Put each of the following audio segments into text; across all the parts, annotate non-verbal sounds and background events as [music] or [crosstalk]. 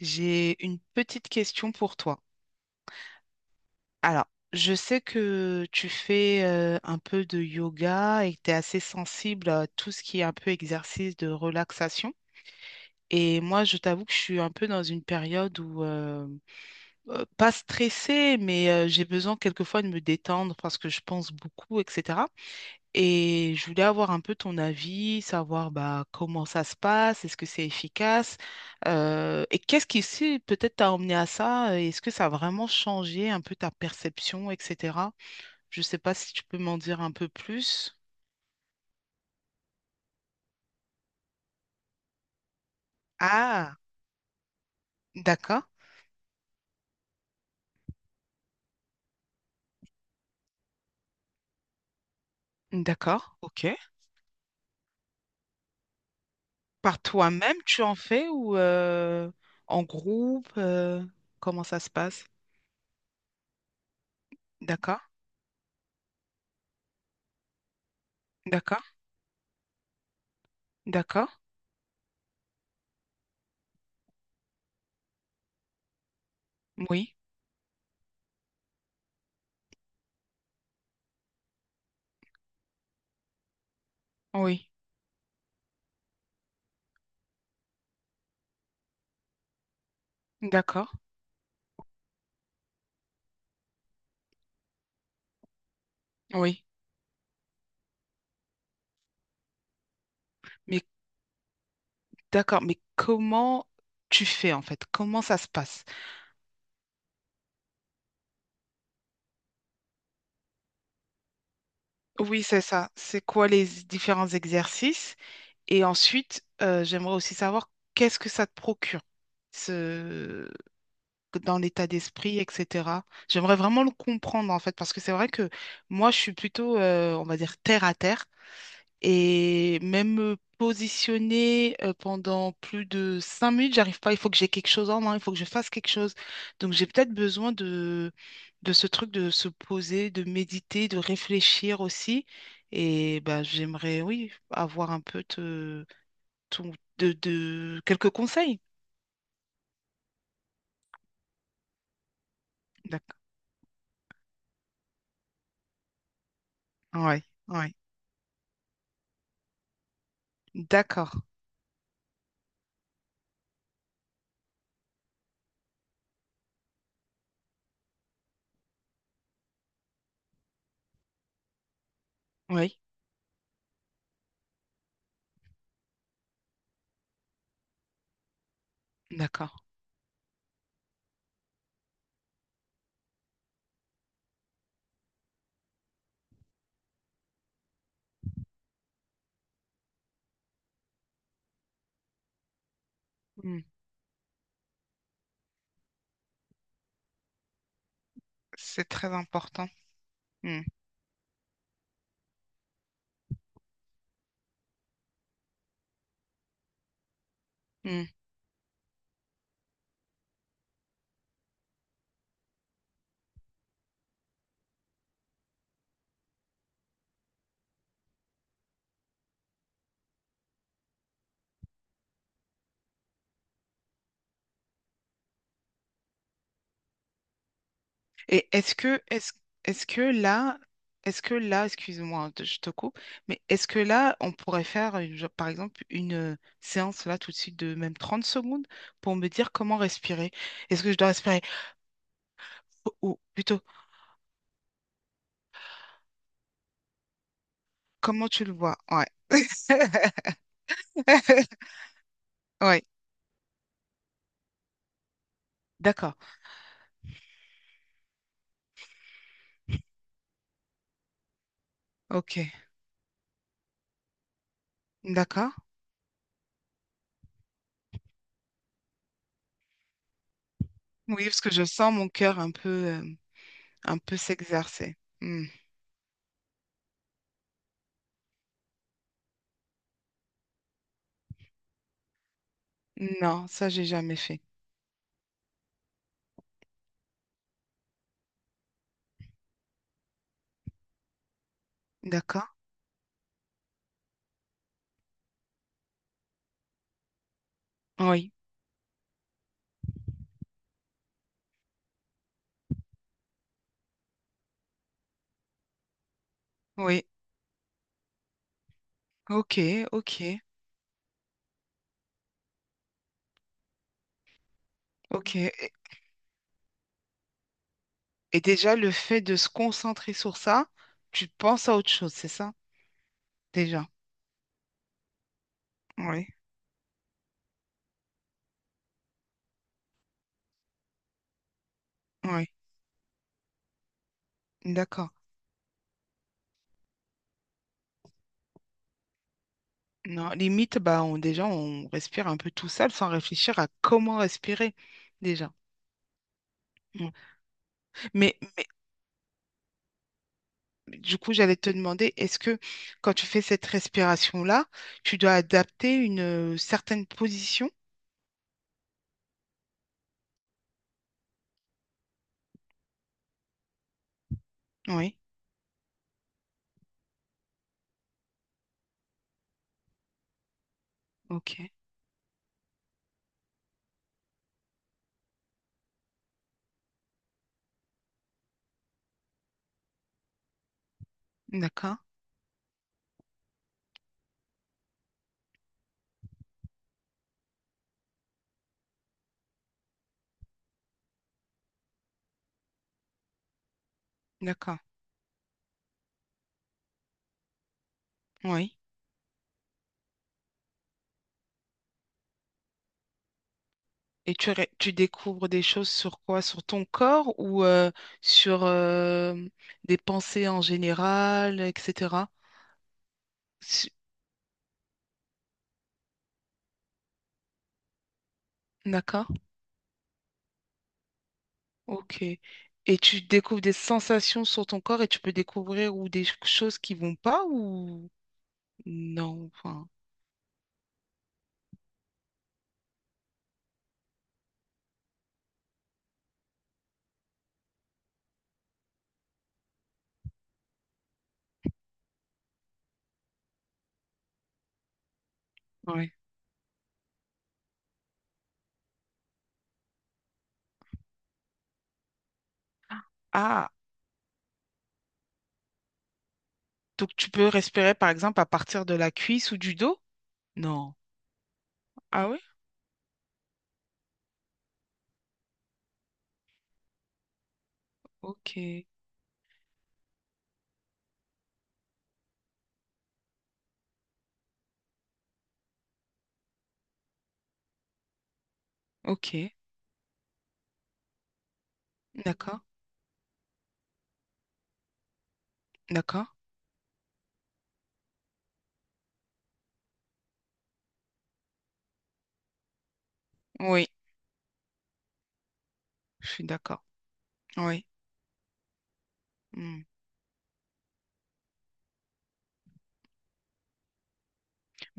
J'ai une petite question pour toi. Alors, je sais que tu fais un peu de yoga et que tu es assez sensible à tout ce qui est un peu exercice de relaxation. Et moi, je t'avoue que je suis un peu dans une période où pas stressée, mais j'ai besoin quelquefois de me détendre parce que je pense beaucoup, etc. Et je voulais avoir un peu ton avis, savoir bah, comment ça se passe, est-ce que c'est efficace, et qu'est-ce qui si, peut-être t'a emmené à ça, et est-ce que ça a vraiment changé un peu ta perception, etc. Je ne sais pas si tu peux m'en dire un peu plus. Ah, d'accord, d'accord, ok. Par toi-même, tu en fais ou en groupe, comment ça se passe? D'accord, d'accord, d'accord, oui, oui, d'accord, oui. Mais d'accord, mais comment tu fais en fait? Comment ça se passe? Oui, c'est ça. C'est quoi les différents exercices? Et ensuite, j'aimerais aussi savoir qu'est-ce que ça te procure ce dans l'état d'esprit, etc. J'aimerais vraiment le comprendre en fait, parce que c'est vrai que moi, je suis plutôt, on va dire, terre à terre. Et même me positionner pendant plus de 5 minutes, j'arrive pas. Il faut que j'ai quelque chose en main, il faut que je fasse quelque chose. Donc j'ai peut-être besoin de ce truc de se poser, de méditer, de réfléchir aussi. Et bah, j'aimerais, oui, avoir un peu de quelques conseils. D'accord. Ouais, ouais. D'accord. Oui, d'accord. Mm. C'est très important. Mm. Et est-ce que, est-ce, est-ce que là, Est-ce que là, excuse-moi, je te coupe, mais est-ce que là, on pourrait faire, genre, par exemple, une séance là tout de suite de même 30 secondes pour me dire comment respirer? Est-ce que je dois respirer? Ou plutôt, comment tu le vois? Ouais. [laughs] Ouais, d'accord. Ok. D'accord. Oui, parce que je sens mon cœur un peu s'exercer. Hmm. Non, ça, j'ai jamais fait. D'accord. Oui, oui. Ok, ok, ok. Et déjà, le fait de se concentrer sur ça, tu penses à autre chose, c'est ça? Déjà. Oui, oui, d'accord. Non, limite, bah, on, déjà, on respire un peu tout seul sans réfléchir à comment respirer, déjà. Mm. Mais du coup, j'allais te demander, est-ce que quand tu fais cette respiration-là, tu dois adapter une certaine position? Oui, ok, d'accord, d'accord, oui. Et tu découvres des choses sur quoi? Sur ton corps ou sur des pensées en général, etc. Su- D'accord? Ok. Et tu découvres des sensations sur ton corps et tu peux découvrir ou des choses qui vont pas ou non, enfin, ouais. Ah, donc tu peux respirer par exemple à partir de la cuisse ou du dos? Non. Ah oui? Ok. Ok. D'accord. D'accord. Oui, je suis d'accord. Oui. Hmm.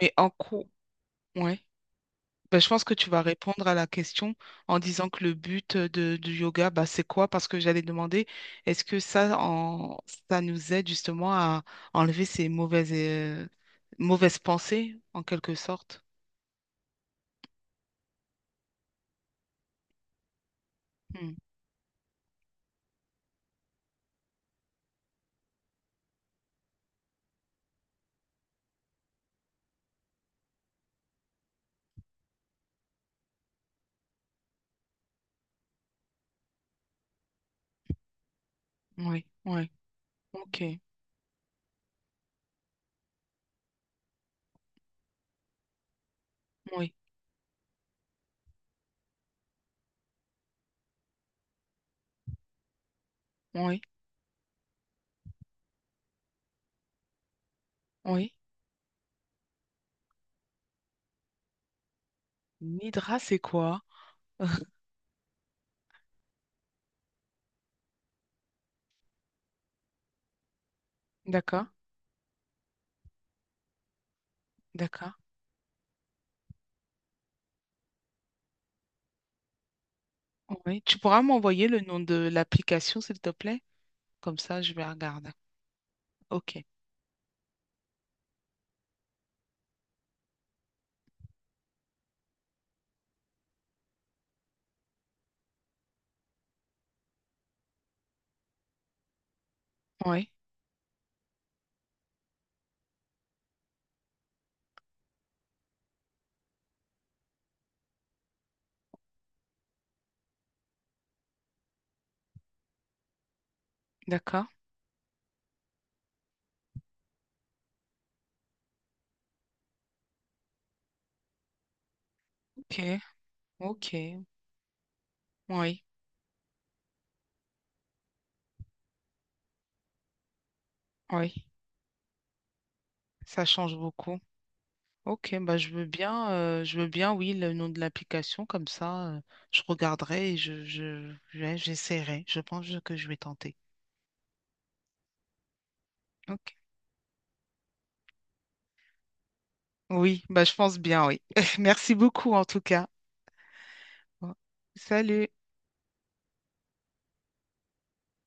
Mais en cours. Ben, je pense que tu vas répondre à la question en disant que le but du yoga, bah c'est quoi? Parce que j'allais demander, est-ce que ça, en, ça nous aide justement à enlever ces mauvaises pensées, en quelque sorte? Hmm, oui, oui, ok, oui, oui, oui. Nidra, c'est quoi? D'accord, d'accord. Oui. Tu pourras m'envoyer le nom de l'application, s'il te plaît? Comme ça, je vais regarder. Ok, oui, d'accord, ok, ok, oui, oui. Ça change beaucoup. Ok, bah je veux bien, oui, le nom de l'application, comme ça, je regarderai et ouais, j'essaierai. Je pense que je vais tenter. Ok. Oui, bah je pense bien, oui. [laughs] Merci beaucoup en tout cas. Ouais. Salut.